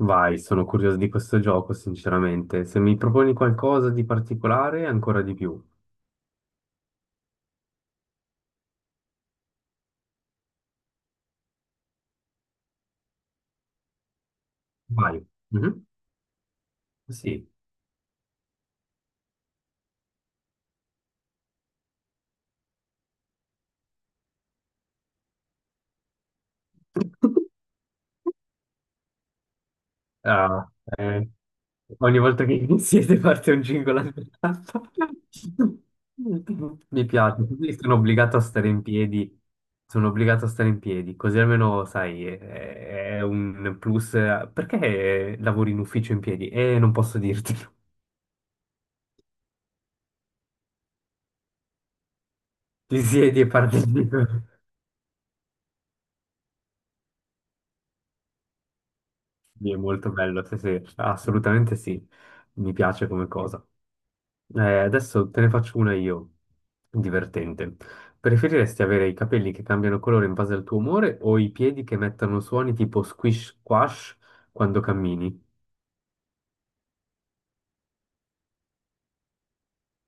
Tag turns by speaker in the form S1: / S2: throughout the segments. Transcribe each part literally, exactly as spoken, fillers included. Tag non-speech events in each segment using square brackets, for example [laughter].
S1: Vai, sono curioso di questo gioco, sinceramente. Se mi proponi qualcosa di particolare, ancora di più. Vai. Mhm. Sì. [laughs] Ah, eh, Ogni volta che iniziate parte un jingle alternato. [laughs] Mi piace, così sono obbligato a stare in piedi. Sono obbligato a stare in piedi, così almeno, sai, è, è un plus. Perché lavori in ufficio in piedi? Eh, non posso dirtelo. [laughs] Ti siedi e parli. Sì, è molto bello, sì, sì, assolutamente sì, mi piace come cosa. Eh, adesso te ne faccio una io, divertente. Preferiresti avere i capelli che cambiano colore in base al tuo umore o i piedi che mettono suoni tipo squish squash quando cammini?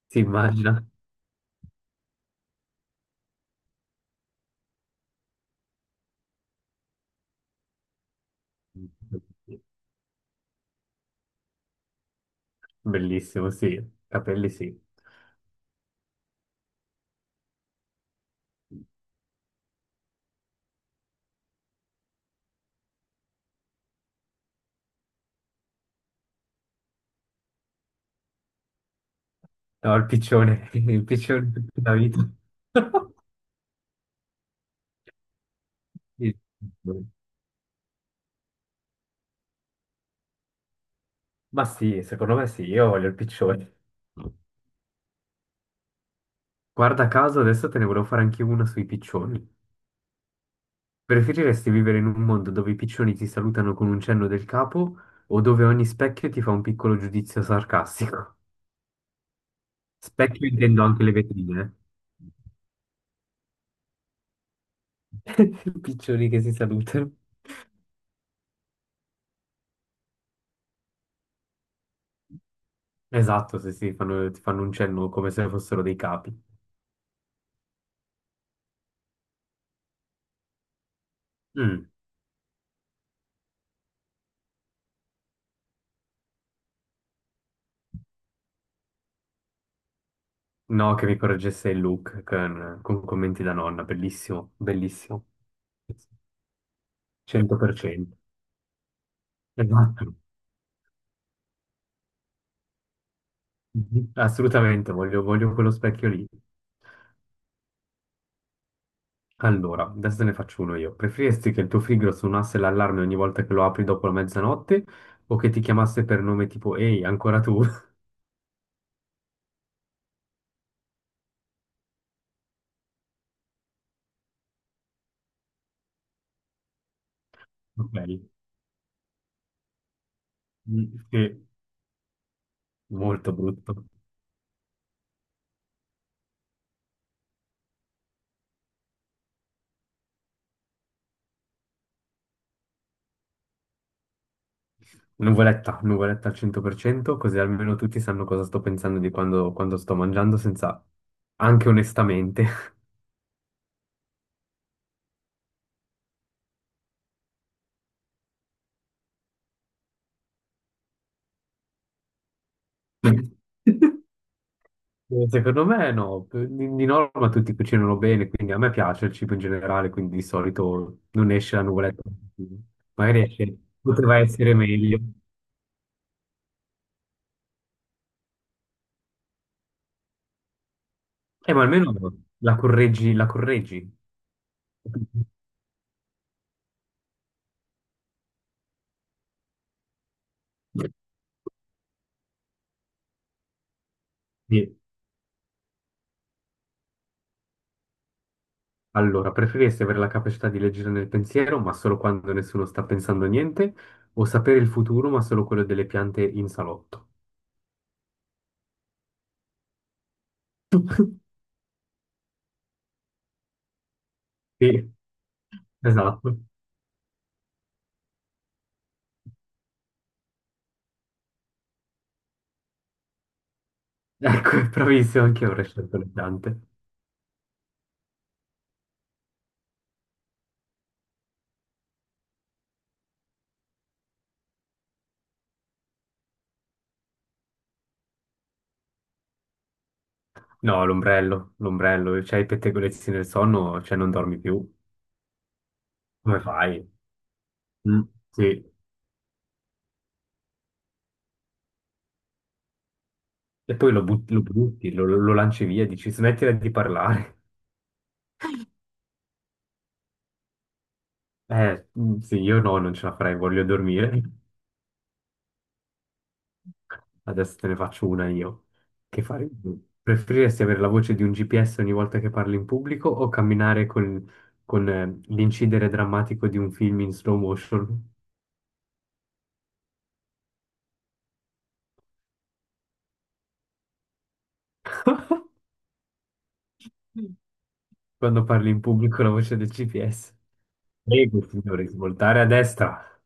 S1: Si immagina? Bellissimo, sì, capelli sì. No, il piccione, [laughs] il piccione per tutta la vita. [laughs] Sì. Ma sì, secondo me sì, io voglio il piccione. Guarda caso, adesso te ne volevo fare anche una sui piccioni. Preferiresti vivere in un mondo dove i piccioni ti salutano con un cenno del capo o dove ogni specchio ti fa un piccolo giudizio sarcastico? [laughs] Specchio intendo anche le vetrine. Eh. [laughs] Piccioni che si salutano. Esatto, sì, sì, fanno- ti fanno un cenno come se fossero dei capi. Mm, No, che mi correggesse il look con, con commenti da nonna, bellissimo, bellissimo. cento per cento. Esatto. Mhm. Assolutamente, voglio, voglio quello specchio lì. Allora, adesso te ne faccio uno io. Preferiresti che il tuo frigo suonasse l'allarme ogni volta che lo apri dopo la mezzanotte o che ti chiamasse per nome tipo ehi, ancora tu? [laughs] Ok, Mm, sì, molto brutto. Nuvoletta, nuvoletta al cento per cento, così almeno tutti sanno cosa sto pensando di quando, quando sto mangiando senza... anche onestamente. [laughs] Eh, Secondo me no, P- di, di norma tutti cucinano bene, quindi a me piace il cibo in generale, quindi di solito non esce la nuvoletta. Magari esce, poteva essere meglio. Eh, ma almeno la correggi, la correggi. Sì. Allora, preferiresti avere la capacità di leggere nel pensiero, ma solo quando nessuno sta pensando a niente, o sapere il futuro, ma solo quello delle piante in salotto? Sì, esatto. Ecco, [laughs] bravissimo, anche io avrei scelto le piante. No, l'ombrello, l'ombrello, c'hai i pettegolezzi nel sonno, cioè non dormi più. Come fai? Mm. Sì. E poi lo, but- lo butti, lo, lo- lo lanci via, dici smettila di parlare. [laughs] Eh, mm, sì, io no, non ce la farei, voglio dormire. [laughs] Adesso te ne faccio una io. Che fare? Preferiresti avere la voce di un G P S ogni volta che parli in pubblico o camminare col- con eh, l'incidere drammatico di un film in slow motion? [laughs] Quando parli in pubblico la voce del G P S. Prego, signore, svoltare a destra.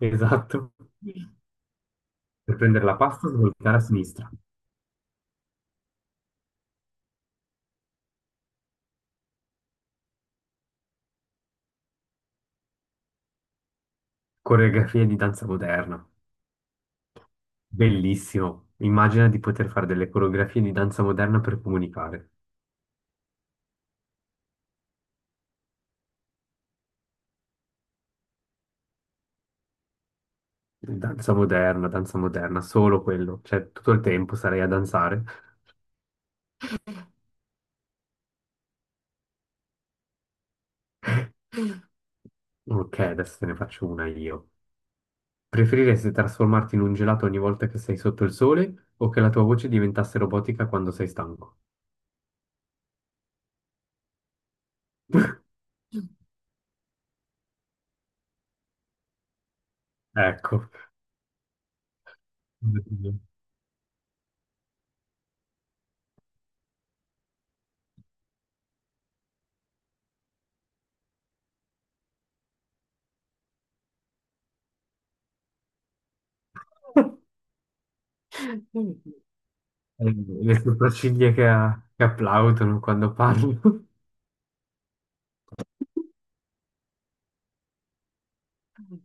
S1: Esatto. Per prendere la pasta, svoltare a sinistra. Coreografie di danza moderna. Bellissimo. Immagina di poter fare delle coreografie di danza moderna per comunicare. Danza moderna, danza moderna, solo quello. Cioè, tutto il tempo sarei a danzare. Ok, adesso te ne faccio una io. Preferiresti trasformarti in un gelato ogni volta che sei sotto il sole o che la tua voce diventasse robotica quando sei stanco? Ecco. [laughs] Eh, Le sopracciglia che, che applaudono quando parlo, [laughs]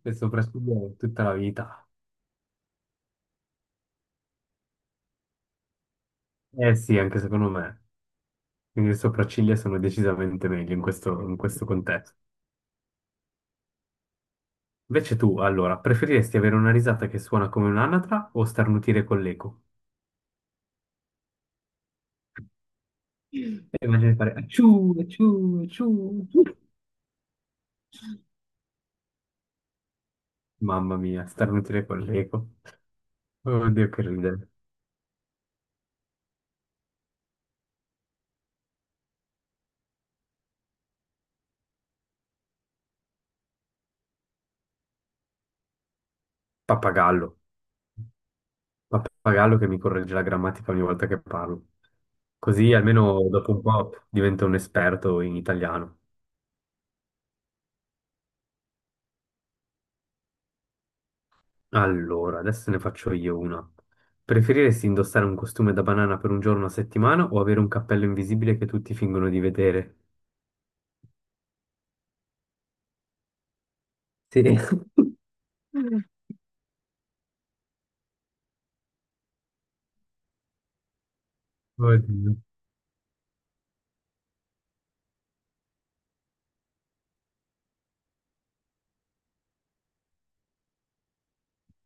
S1: le sopracciglia tutta la vita. Eh sì, anche secondo me. Quindi le sopracciglia sono decisamente meglio in questo, in questo contesto. Invece tu, allora, preferiresti avere una risata che suona come un'anatra o starnutire con l'eco? E immagini di fare acciù, acciù, acciù. Acciù. Mamma mia, starnutire con l'eco. Oddio, che ridere. Pappagallo. Pappagallo che mi corregge la grammatica ogni volta che parlo. Così almeno dopo un po' divento un esperto in italiano. Allora, adesso ne faccio io una. Preferiresti indossare un costume da banana per un giorno a settimana o avere un cappello invisibile che tutti fingono di vedere? Sì. Mm. [laughs] Oddio.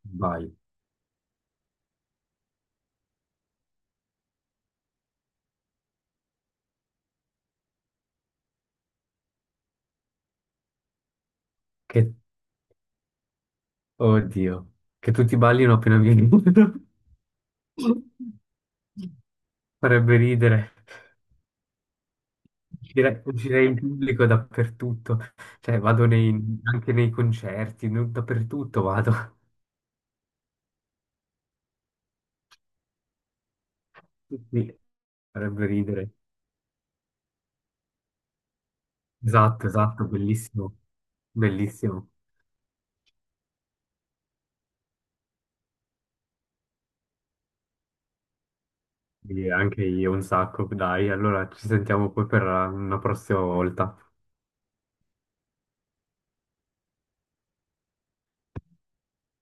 S1: Vai. Che... Oddio. Che tutti ballino appena vieni. [laughs] Farebbe ridere. Uscire, uscire in pubblico dappertutto, cioè vado nei- anche nei concerti, nu- dappertutto vado. [laughs] Sì, farebbe ridere. Esatto, esatto, bellissimo, bellissimo. Sì, anche io un sacco, dai, allora ci sentiamo poi per una prossima volta.